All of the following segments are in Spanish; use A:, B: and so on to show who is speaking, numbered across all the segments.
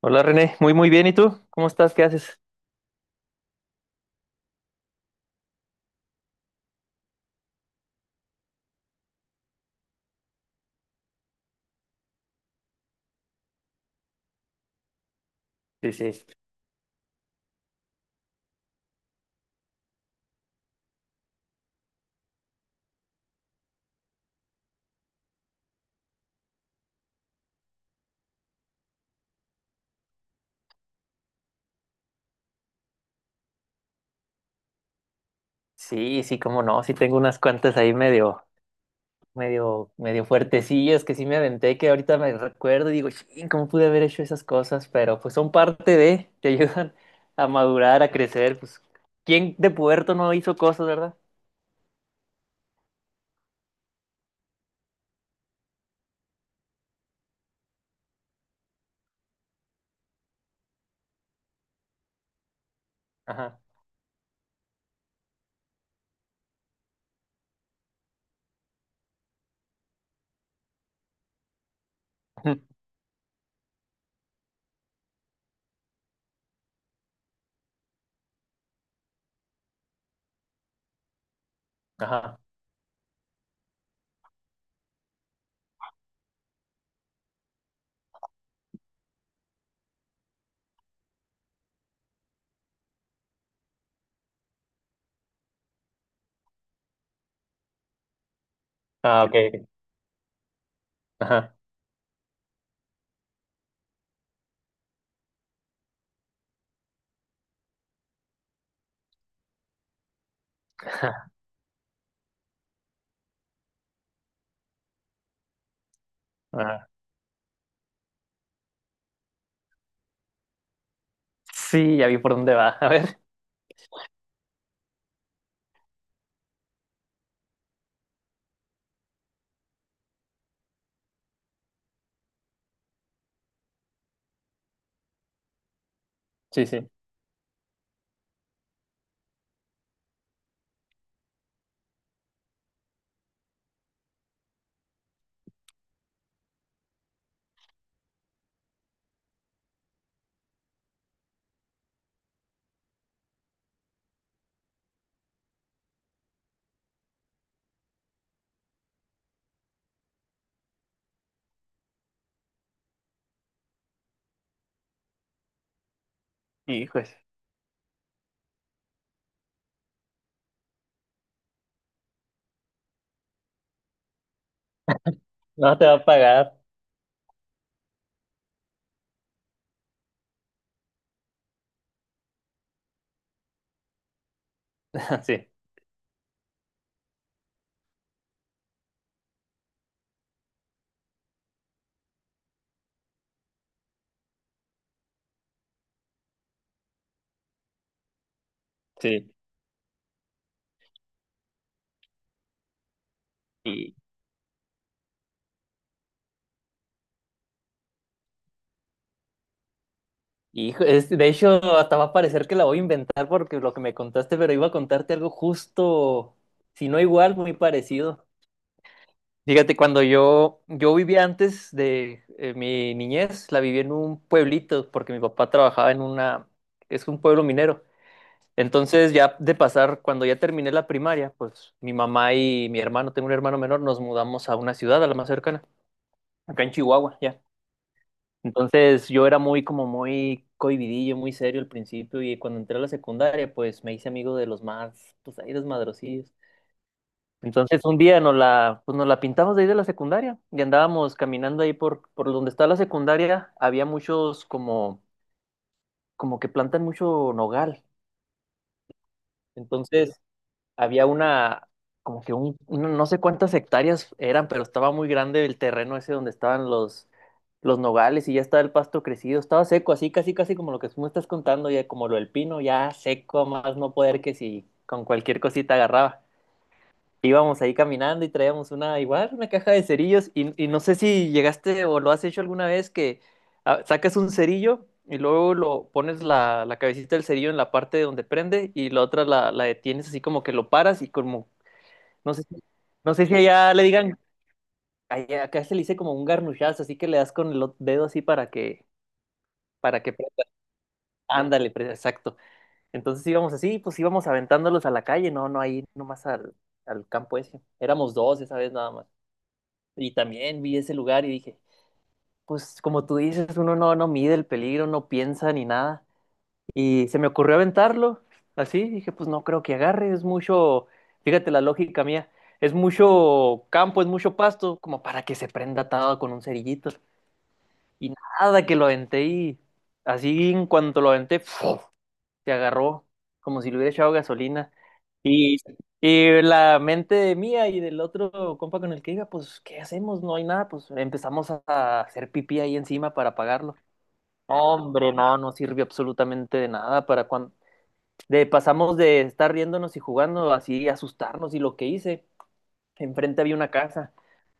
A: Hola René, muy bien, ¿y tú? ¿Cómo estás? ¿Qué haces? Sí, sí, sí, cómo no, sí tengo unas cuantas ahí medio fuertecillas que sí me aventé, que ahorita me recuerdo y digo: "Chin, ¿cómo pude haber hecho esas cosas?". Pero pues son parte de, te Ayudan a madurar, a crecer, pues. ¿Quién de puerto no hizo cosas, verdad? Ajá. Ujú. Ajá. Ah, ok, ok. Ajá. Ajá. Sí, ya vi por dónde va. A ver. Sí, sí. ¡Hijos! No te va a pagar. Sí. Sí. Hijo, de hecho, hasta va a parecer que la voy a inventar porque lo que me contaste, pero iba a contarte algo justo, si no igual, muy parecido. Fíjate, cuando yo vivía antes, de mi niñez, la viví en un pueblito porque mi papá trabajaba en una, es un pueblo minero. Entonces, ya de pasar, cuando ya terminé la primaria, pues mi mamá y mi hermano, tengo un hermano menor, nos mudamos a una ciudad, a la más cercana, acá en Chihuahua, ya. Entonces yo era muy cohibidillo, muy serio al principio, y cuando entré a la secundaria pues me hice amigo de los más, pues ahí, desmadrosillos. Entonces un día pues nos la pintamos de ahí de la secundaria y andábamos caminando ahí por donde está la secundaria. Había muchos como, como que plantan mucho nogal. Entonces había una, como que no sé cuántas hectáreas eran, pero estaba muy grande el terreno ese donde estaban los nogales, y ya estaba el pasto crecido, estaba seco, así casi casi como lo que tú me estás contando, ya como lo del pino, ya seco, a más no poder, que si con cualquier cosita agarraba. Íbamos ahí caminando y traíamos una, igual, una caja de cerillos, y no sé si llegaste o lo has hecho alguna vez, que ah, sacas un cerillo y luego lo pones la cabecita del cerillo en la parte donde prende, y la otra la detienes así como que lo paras, y como, no sé, no sé si allá le digan, acá se le dice como un garnuchazo, así que le das con el dedo así para que prenda. Ándale, exacto. Entonces íbamos así, pues íbamos aventándolos a la calle, no, no ahí nomás al campo ese. Éramos dos esa vez nada más. Y también vi ese lugar y dije, pues como tú dices, uno no, no mide el peligro, no piensa ni nada. Y se me ocurrió aventarlo, así, dije, pues no creo que agarre, es mucho, fíjate la lógica mía, es mucho campo, es mucho pasto, como para que se prenda atado con un cerillito. Y nada, que lo aventé, y así en cuanto lo aventé, ¡fuf! Te agarró como si le hubiera echado gasolina. Y, y la mente mía y del otro compa con el que iba, pues, ¿qué hacemos? No hay nada, pues empezamos a hacer pipí ahí encima para pagarlo. Hombre, no, no sirvió absolutamente de nada. Para cuando pasamos de estar riéndonos y jugando así asustarnos, y lo que hice, enfrente había una casa.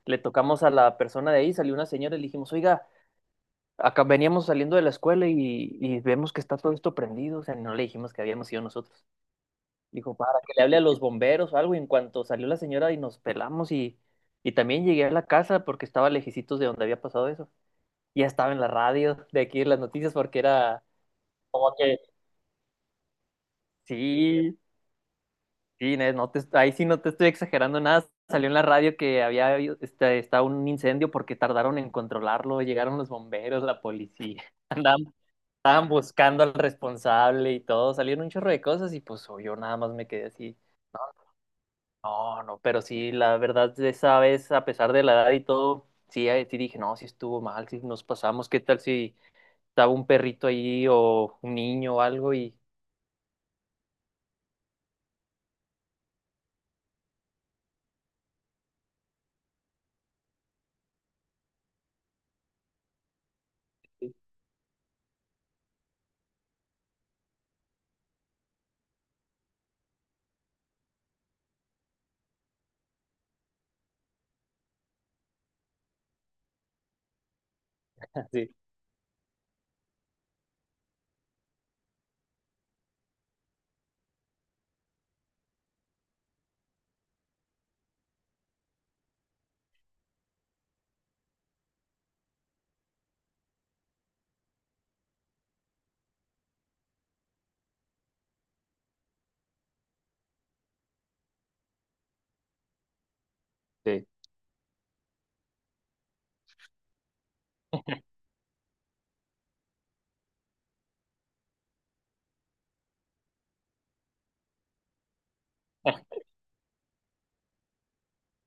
A: Le tocamos a la persona de ahí, salió una señora y le dijimos: "Oiga, acá veníamos saliendo de la escuela, y vemos que está todo esto prendido", o sea, no le dijimos que habíamos ido nosotros. Dijo, para que le hable a los bomberos o algo. Y en cuanto salió la señora y nos pelamos, y también llegué a la casa porque estaba lejicitos de donde había pasado eso, ya estaba en la radio de aquí en las noticias porque era como que, sí, sí, Inés, no te, ahí sí no te estoy exagerando nada. Salió en la radio que había este, estaba un incendio porque tardaron en controlarlo. Llegaron los bomberos, la policía. Andaban, estaban buscando al responsable y todo. Salieron un chorro de cosas y pues yo nada más me quedé así. No, no, pero sí, la verdad, de esa vez, a pesar de la edad y todo, sí, sí dije, no, sí estuvo mal, sí nos pasamos, ¿qué tal si estaba un perrito ahí o un niño o algo? Y sí, sí.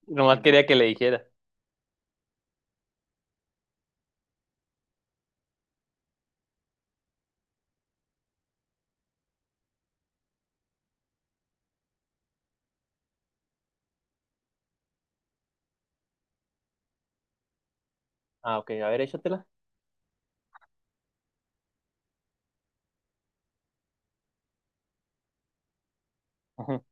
A: Nomás no quería que le dijera. Ah, ok, a ver, échatela. Ujú.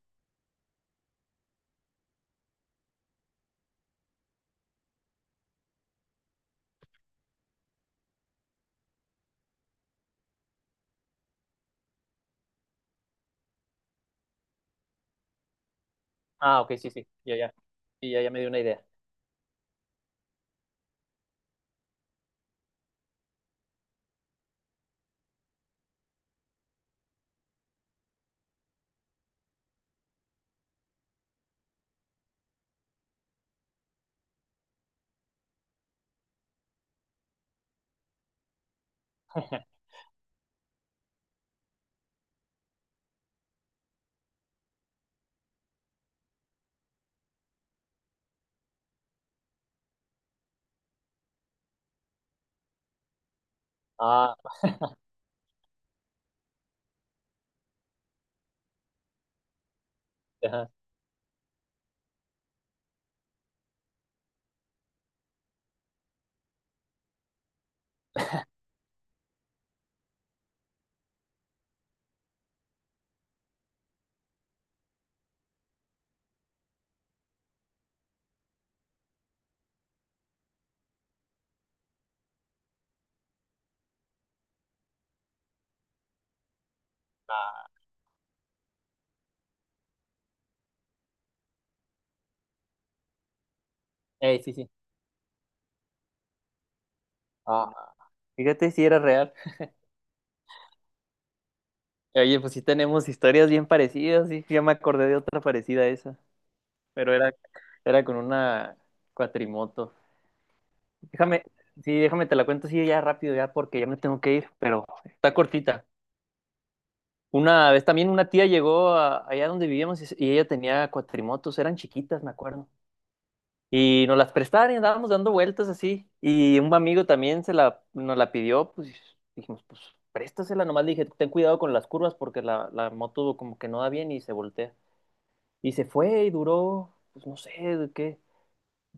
A: Ah, ok, sí, sí, ya, ya. Sí, ya, ya me dio una idea. Ah, ajá. Sí, sí. Ah, fíjate si era real. Oye, pues sí tenemos historias bien parecidas, sí, ya me acordé de otra parecida a esa, pero era, era con una cuatrimoto. Déjame, sí, déjame te la cuento así ya rápido, ya porque ya me tengo que ir, pero está cortita. Una vez también una tía llegó allá donde vivíamos, y ella tenía cuatrimotos, eran chiquitas, me acuerdo. Y nos las prestaron y andábamos dando vueltas así. Y un amigo también nos la pidió, pues dijimos, pues préstasela nomás. Le dije, ten cuidado con las curvas porque la moto como que no da bien y se voltea. Y se fue y duró, pues no sé, de qué.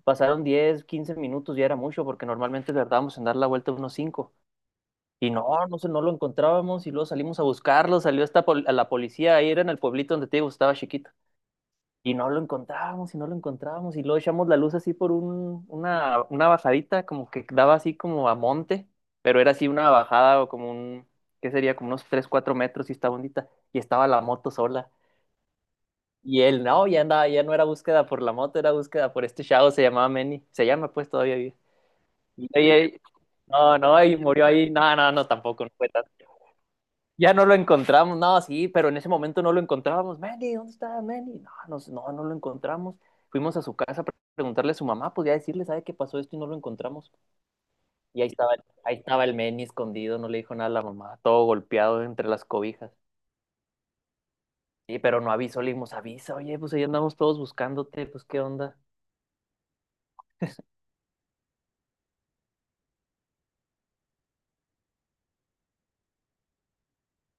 A: Pasaron 10, 15 minutos, ya era mucho porque normalmente tardábamos en dar la vuelta unos 5. Y no, no sé, no lo encontrábamos, y luego salimos a buscarlo, salió hasta a la policía, ahí era en el pueblito donde te digo, estaba chiquito. Y no lo encontrábamos y no lo encontrábamos, y luego echamos la luz así por una bajadita, como que daba así como a monte, pero era así una bajada, o como un, ¿qué sería? Como unos 3, 4 metros, y estaba bonita. Y estaba la moto sola. Y él, no, ya andaba, ya no era búsqueda por la moto, era búsqueda por este chavo, se llamaba Manny, se llama, pues todavía vive. Y, y- no, no, y murió ahí, no, no, no, tampoco, no fue tanto. Ya no lo encontramos, no, sí, pero en ese momento no lo encontrábamos. Manny, ¿dónde está Manny? No, no, no, no lo encontramos. Fuimos a su casa para preguntarle a su mamá, pues ya decirle, ¿sabe qué? Pasó esto y no lo encontramos. Y ahí estaba el Manny escondido, no le dijo nada a la mamá, todo golpeado entre las cobijas. Sí, pero no avisó, le dimos, avisa, oye, pues ahí andamos todos buscándote, pues qué onda.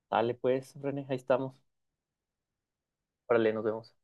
A: Dale, pues, René, ahí estamos. Órale, nos vemos.